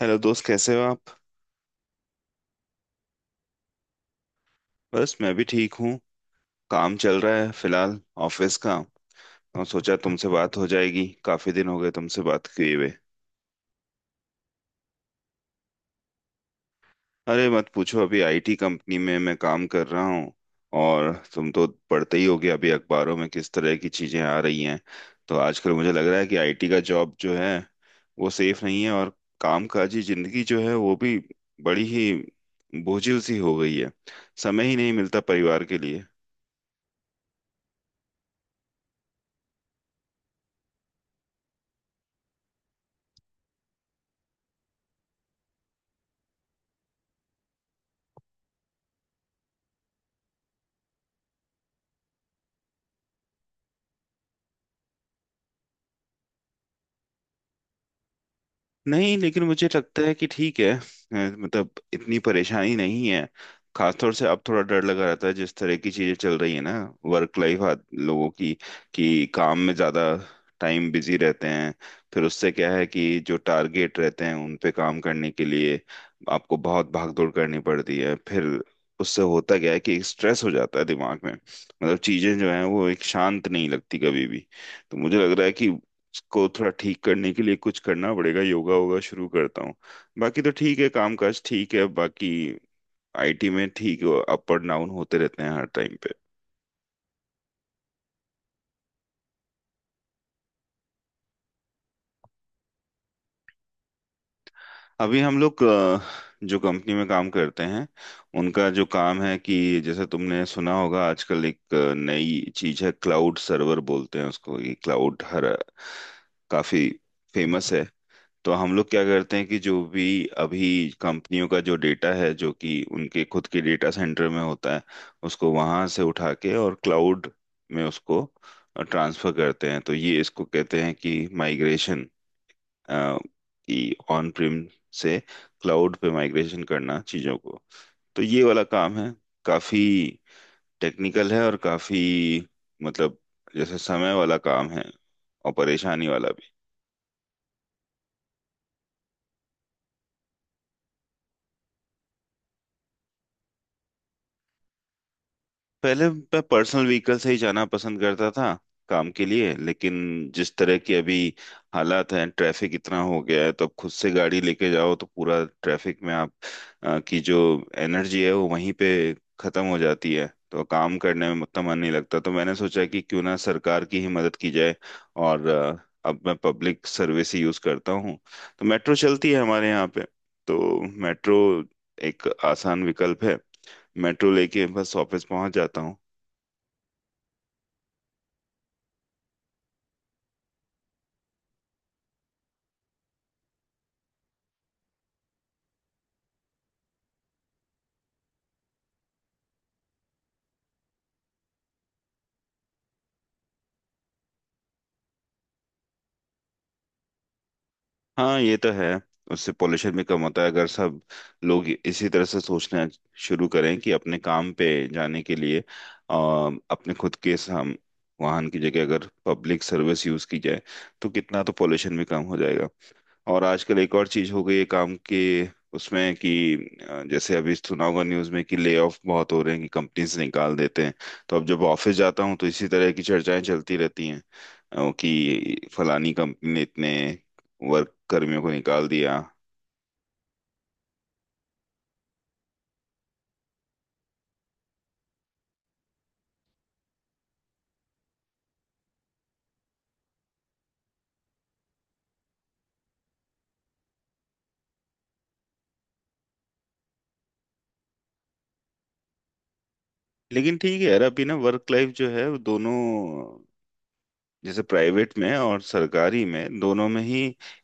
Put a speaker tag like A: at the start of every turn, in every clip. A: Hello दोस्त, कैसे हो आप। बस मैं भी ठीक हूँ। काम चल रहा है फिलहाल, ऑफिस का। और सोचा तुमसे बात हो जाएगी, काफी दिन हो गए तुमसे बात किए हुए। अरे मत पूछो, अभी आईटी कंपनी में मैं काम कर रहा हूँ। और तुम तो पढ़ते ही होगे अभी अखबारों में किस तरह की चीजें आ रही हैं। तो आजकल मुझे लग रहा है कि आईटी का जॉब जो है वो सेफ नहीं है, और कामकाजी जिंदगी जो है वो भी बड़ी ही बोझिल सी हो गई है। समय ही नहीं मिलता परिवार के लिए। नहीं, लेकिन मुझे लगता है कि ठीक है, मतलब इतनी परेशानी नहीं है। खासतौर से अब थोड़ा डर लगा रहता है जिस तरह की चीजें चल रही है ना, वर्क लाइफ लोगों की, कि काम में ज्यादा टाइम बिजी रहते हैं। फिर उससे क्या है कि जो टारगेट रहते हैं उन पे काम करने के लिए आपको बहुत भागदौड़ करनी पड़ती है। फिर उससे होता क्या है कि स्ट्रेस हो जाता है दिमाग में, मतलब चीजें जो हैं वो एक शांत नहीं लगती कभी भी। तो मुझे लग रहा है कि को थोड़ा ठीक करने के लिए कुछ करना पड़ेगा, योगा वोगा शुरू करता हूँ। बाकी तो ठीक है, कामकाज ठीक है बाकी। आईटी में ठीक है, अप और डाउन होते रहते हैं हर टाइम पे। अभी हम लोग जो कंपनी में काम करते हैं उनका जो काम है कि जैसे तुमने सुना होगा, आजकल एक नई चीज है क्लाउड सर्वर बोलते हैं उसको, ये क्लाउड हर काफी फेमस है। तो हम लोग क्या करते हैं कि जो भी अभी कंपनियों का जो डेटा है जो कि उनके खुद के डेटा सेंटर में होता है, उसको वहां से उठा के और क्लाउड में उसको ट्रांसफर करते हैं। तो ये इसको कहते हैं कि माइग्रेशन, कि ऑन प्रिम से क्लाउड पे माइग्रेशन करना चीजों को। तो ये वाला काम है, काफी टेक्निकल है और काफी मतलब जैसे समय वाला काम है, और परेशानी वाला भी। पहले मैं पर्सनल व्हीकल से ही जाना पसंद करता था काम के लिए, लेकिन जिस तरह की अभी हालात हैं, ट्रैफिक इतना हो गया है, तो अब खुद से गाड़ी लेके जाओ तो पूरा ट्रैफिक में आप की जो एनर्जी है वो वहीं पे खत्म हो जाती है। तो काम करने में उतना मन नहीं लगता, तो मैंने सोचा कि क्यों ना सरकार की ही मदद की जाए, और अब मैं पब्लिक सर्विस ही यूज करता हूँ। तो मेट्रो चलती है हमारे यहाँ पे, तो मेट्रो एक आसान विकल्प है। मेट्रो लेके बस ऑफिस पहुंच जाता हूँ। हाँ, ये तो है। उससे पोल्यूशन भी कम होता है। अगर सब लोग इसी तरह से सोचना शुरू करें कि अपने काम पे जाने के लिए अपने खुद के वाहन की जगह अगर पब्लिक सर्विस यूज की जाए, तो कितना तो पोल्यूशन भी कम हो जाएगा। और आजकल एक और चीज हो गई है काम के उसमें कि जैसे अभी सुना होगा न्यूज में कि ले ऑफ बहुत हो रहे हैं, कि कंपनीज निकाल देते हैं। तो अब जब ऑफिस जाता हूँ तो इसी तरह की चर्चाएं चलती रहती हैं, कि फलानी कंपनी ने इतने वर्क कर्मियों को निकाल दिया। लेकिन ठीक है यार, अभी ना वर्क लाइफ जो है वो दोनों जैसे प्राइवेट में और सरकारी में, दोनों में ही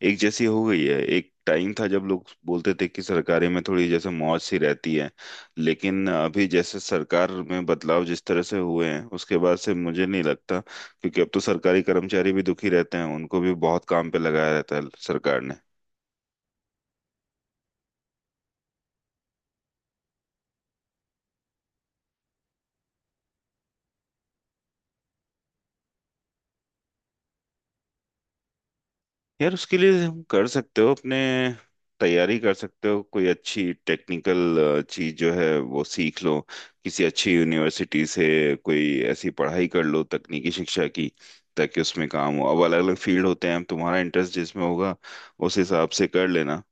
A: एक जैसी हो गई है। एक टाइम था जब लोग बोलते थे कि सरकारी में थोड़ी जैसे मौज सी रहती है, लेकिन अभी जैसे सरकार में बदलाव जिस तरह से हुए हैं उसके बाद से मुझे नहीं लगता, क्योंकि अब तो सरकारी कर्मचारी भी दुखी रहते हैं, उनको भी बहुत काम पे लगाया रहता है सरकार ने। यार उसके लिए हम कर सकते हो अपने, तैयारी कर सकते हो, कोई अच्छी टेक्निकल चीज जो है वो सीख लो। किसी अच्छी यूनिवर्सिटी से कोई ऐसी पढ़ाई कर लो तकनीकी शिक्षा की, ताकि उसमें काम हो। अब अलग अलग फील्ड होते हैं, अब तुम्हारा इंटरेस्ट जिसमें होगा उस हिसाब से कर लेना।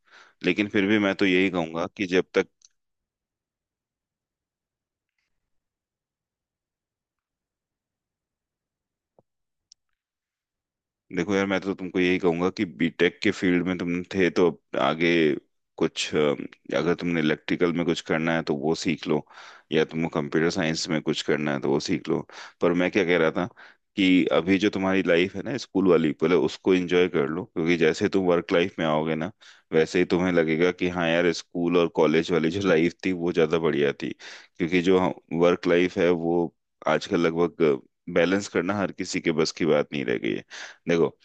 A: लेकिन फिर भी मैं तो यही कहूंगा कि जब तक, देखो यार मैं तो तुमको यही कहूंगा कि बीटेक के फील्ड में तुम थे तो आगे कुछ अगर तुमने इलेक्ट्रिकल में कुछ करना है तो वो सीख लो, या तुमको कंप्यूटर साइंस में कुछ करना है तो वो सीख लो। पर मैं क्या कह रहा था कि अभी जो तुम्हारी लाइफ है ना स्कूल वाली, पहले उसको एंजॉय कर लो, क्योंकि जैसे तुम वर्क लाइफ में आओगे ना, वैसे ही तुम्हें लगेगा कि हाँ यार स्कूल और कॉलेज वाली जो लाइफ थी वो ज्यादा बढ़िया थी। क्योंकि जो वर्क लाइफ है वो आजकल लगभग बैलेंस करना हर किसी के बस की बात नहीं रह गई है। देखो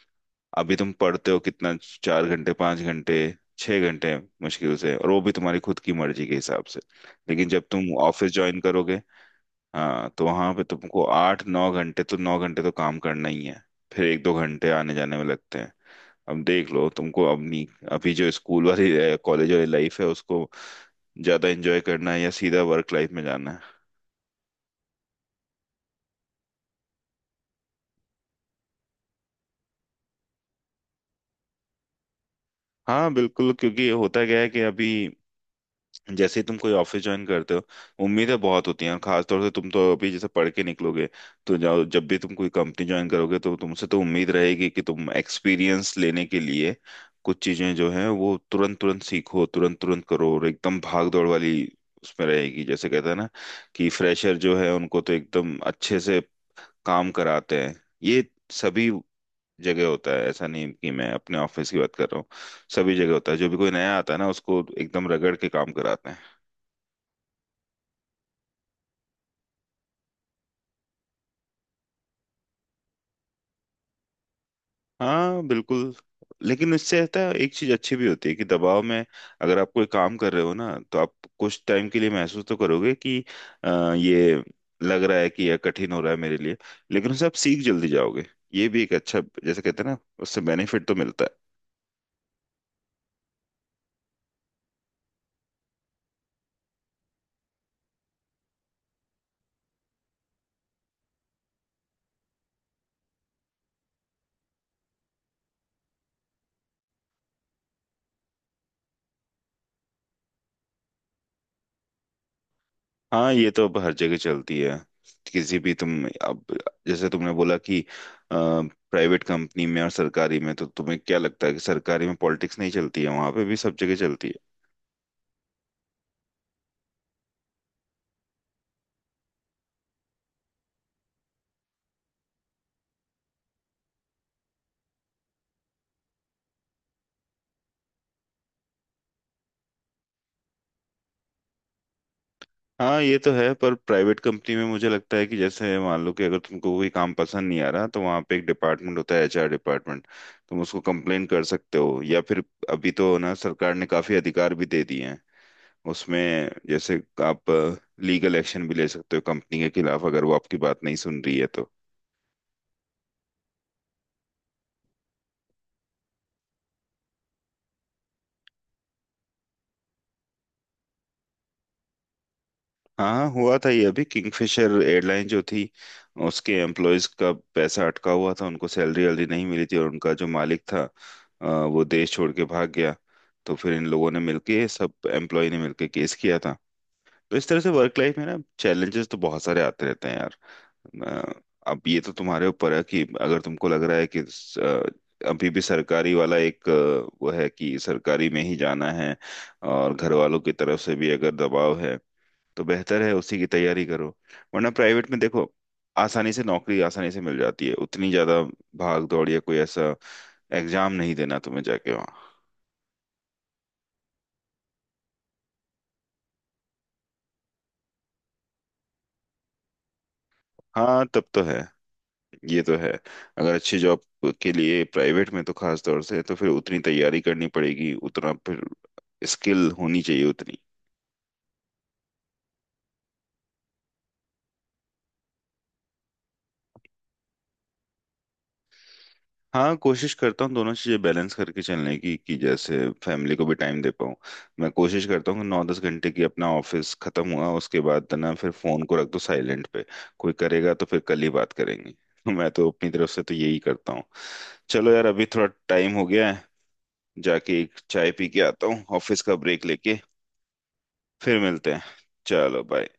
A: अभी तुम पढ़ते हो कितना, 4 घंटे, 5 घंटे, 6 घंटे मुश्किल से, और वो भी तुम्हारी खुद की मर्जी के हिसाब से। लेकिन जब तुम ऑफिस ज्वाइन करोगे, हाँ, तो वहां पे तुमको आठ नौ घंटे, तो 9 घंटे तो काम करना ही है। फिर एक दो घंटे आने जाने में लगते हैं। अब देख लो तुमको अपनी अभी जो स्कूल वाली, कॉलेज वाली लाइफ है उसको ज्यादा एंजॉय करना है, या सीधा वर्क लाइफ में जाना है। हाँ बिल्कुल, क्योंकि होता क्या है कि अभी जैसे ही तुम कोई ऑफिस ज्वाइन करते हो, उम्मीदें बहुत होती हैं। और खासतौर से तुम तो अभी जैसे पढ़ के निकलोगे, तो जाओ, जब भी तुम कोई कंपनी ज्वाइन करोगे तो तुमसे तो उम्मीद रहेगी कि तुम एक्सपीरियंस लेने के लिए कुछ चीजें जो हैं वो तुरंत तुरंत सीखो, तुरंत तुरंत करो, और एकदम भाग दौड़ वाली उसमें रहेगी। जैसे कहते हैं ना कि फ्रेशर जो है उनको तो एकदम अच्छे से काम कराते हैं। ये सभी जगह होता है, ऐसा नहीं कि मैं अपने ऑफिस की बात कर रहा हूँ, सभी जगह होता है। जो भी कोई नया आता है ना उसको एकदम रगड़ के काम कराते हैं। हाँ बिल्कुल। लेकिन इससे रहता है, एक चीज अच्छी भी होती है कि दबाव में अगर आप कोई काम कर रहे हो ना, तो आप कुछ टाइम के लिए महसूस तो करोगे कि ये लग रहा है कि यह कठिन हो रहा है मेरे लिए, लेकिन उससे आप सीख जल्दी जाओगे। ये भी एक अच्छा, जैसे कहते हैं ना, उससे बेनिफिट तो मिलता है। हाँ ये तो अब हर जगह चलती है। किसी भी तुम अब जैसे तुमने बोला कि प्राइवेट कंपनी में और सरकारी में, तो तुम्हें क्या लगता है कि सरकारी में पॉलिटिक्स नहीं चलती है? वहां पे भी सब जगह चलती है। हाँ ये तो है, पर प्राइवेट कंपनी में मुझे लगता है कि जैसे मान लो कि अगर तुमको कोई काम पसंद नहीं आ रहा, तो वहाँ पे एक डिपार्टमेंट होता है, एचआर डिपार्टमेंट। तुम उसको कंप्लेन कर सकते हो, या फिर अभी तो ना सरकार ने काफी अधिकार भी दे दिए हैं उसमें, जैसे आप लीगल एक्शन भी ले सकते हो कंपनी के खिलाफ अगर वो आपकी बात नहीं सुन रही है तो। हाँ हुआ था ये अभी, किंगफिशर एयरलाइन जो थी, उसके एम्प्लॉयज का पैसा अटका हुआ था, उनको सैलरी वैलरी नहीं मिली थी, और उनका जो मालिक था वो देश छोड़ के भाग गया। तो फिर इन लोगों ने मिलके, सब एम्प्लॉय ने मिलके केस किया था। तो इस तरह से वर्क लाइफ में ना चैलेंजेस तो बहुत सारे आते रहते हैं यार। अ, अब ये तो तुम्हारे ऊपर है कि अगर तुमको लग रहा है कि अभी भी सरकारी वाला एक वो है कि सरकारी में ही जाना है, और घर वालों की तरफ से भी अगर दबाव है, तो बेहतर है उसी की तैयारी करो। वरना प्राइवेट में देखो, आसानी से नौकरी आसानी से मिल जाती है, उतनी ज्यादा भाग दौड़ या कोई ऐसा एग्जाम नहीं देना तुम्हें जाके वहाँ। हाँ तब तो है, ये तो है। अगर अच्छी जॉब के लिए प्राइवेट में, तो खास तौर से तो फिर उतनी तैयारी करनी पड़ेगी, उतना फिर स्किल होनी चाहिए उतनी। हाँ, कोशिश करता हूँ दोनों चीज़ें बैलेंस करके चलने की, कि जैसे फैमिली को भी टाइम दे पाऊँ। मैं कोशिश करता हूँ कि नौ दस घंटे की अपना ऑफिस खत्म हुआ उसके बाद ना, फिर फोन को रख दो साइलेंट पे। कोई करेगा तो फिर कल ही बात करेंगे। तो मैं तो अपनी तरफ से तो यही करता हूँ। चलो यार, अभी थोड़ा टाइम हो गया है, जाके एक चाय पी के आता हूँ ऑफिस का ब्रेक लेके। फिर मिलते हैं। चलो बाय।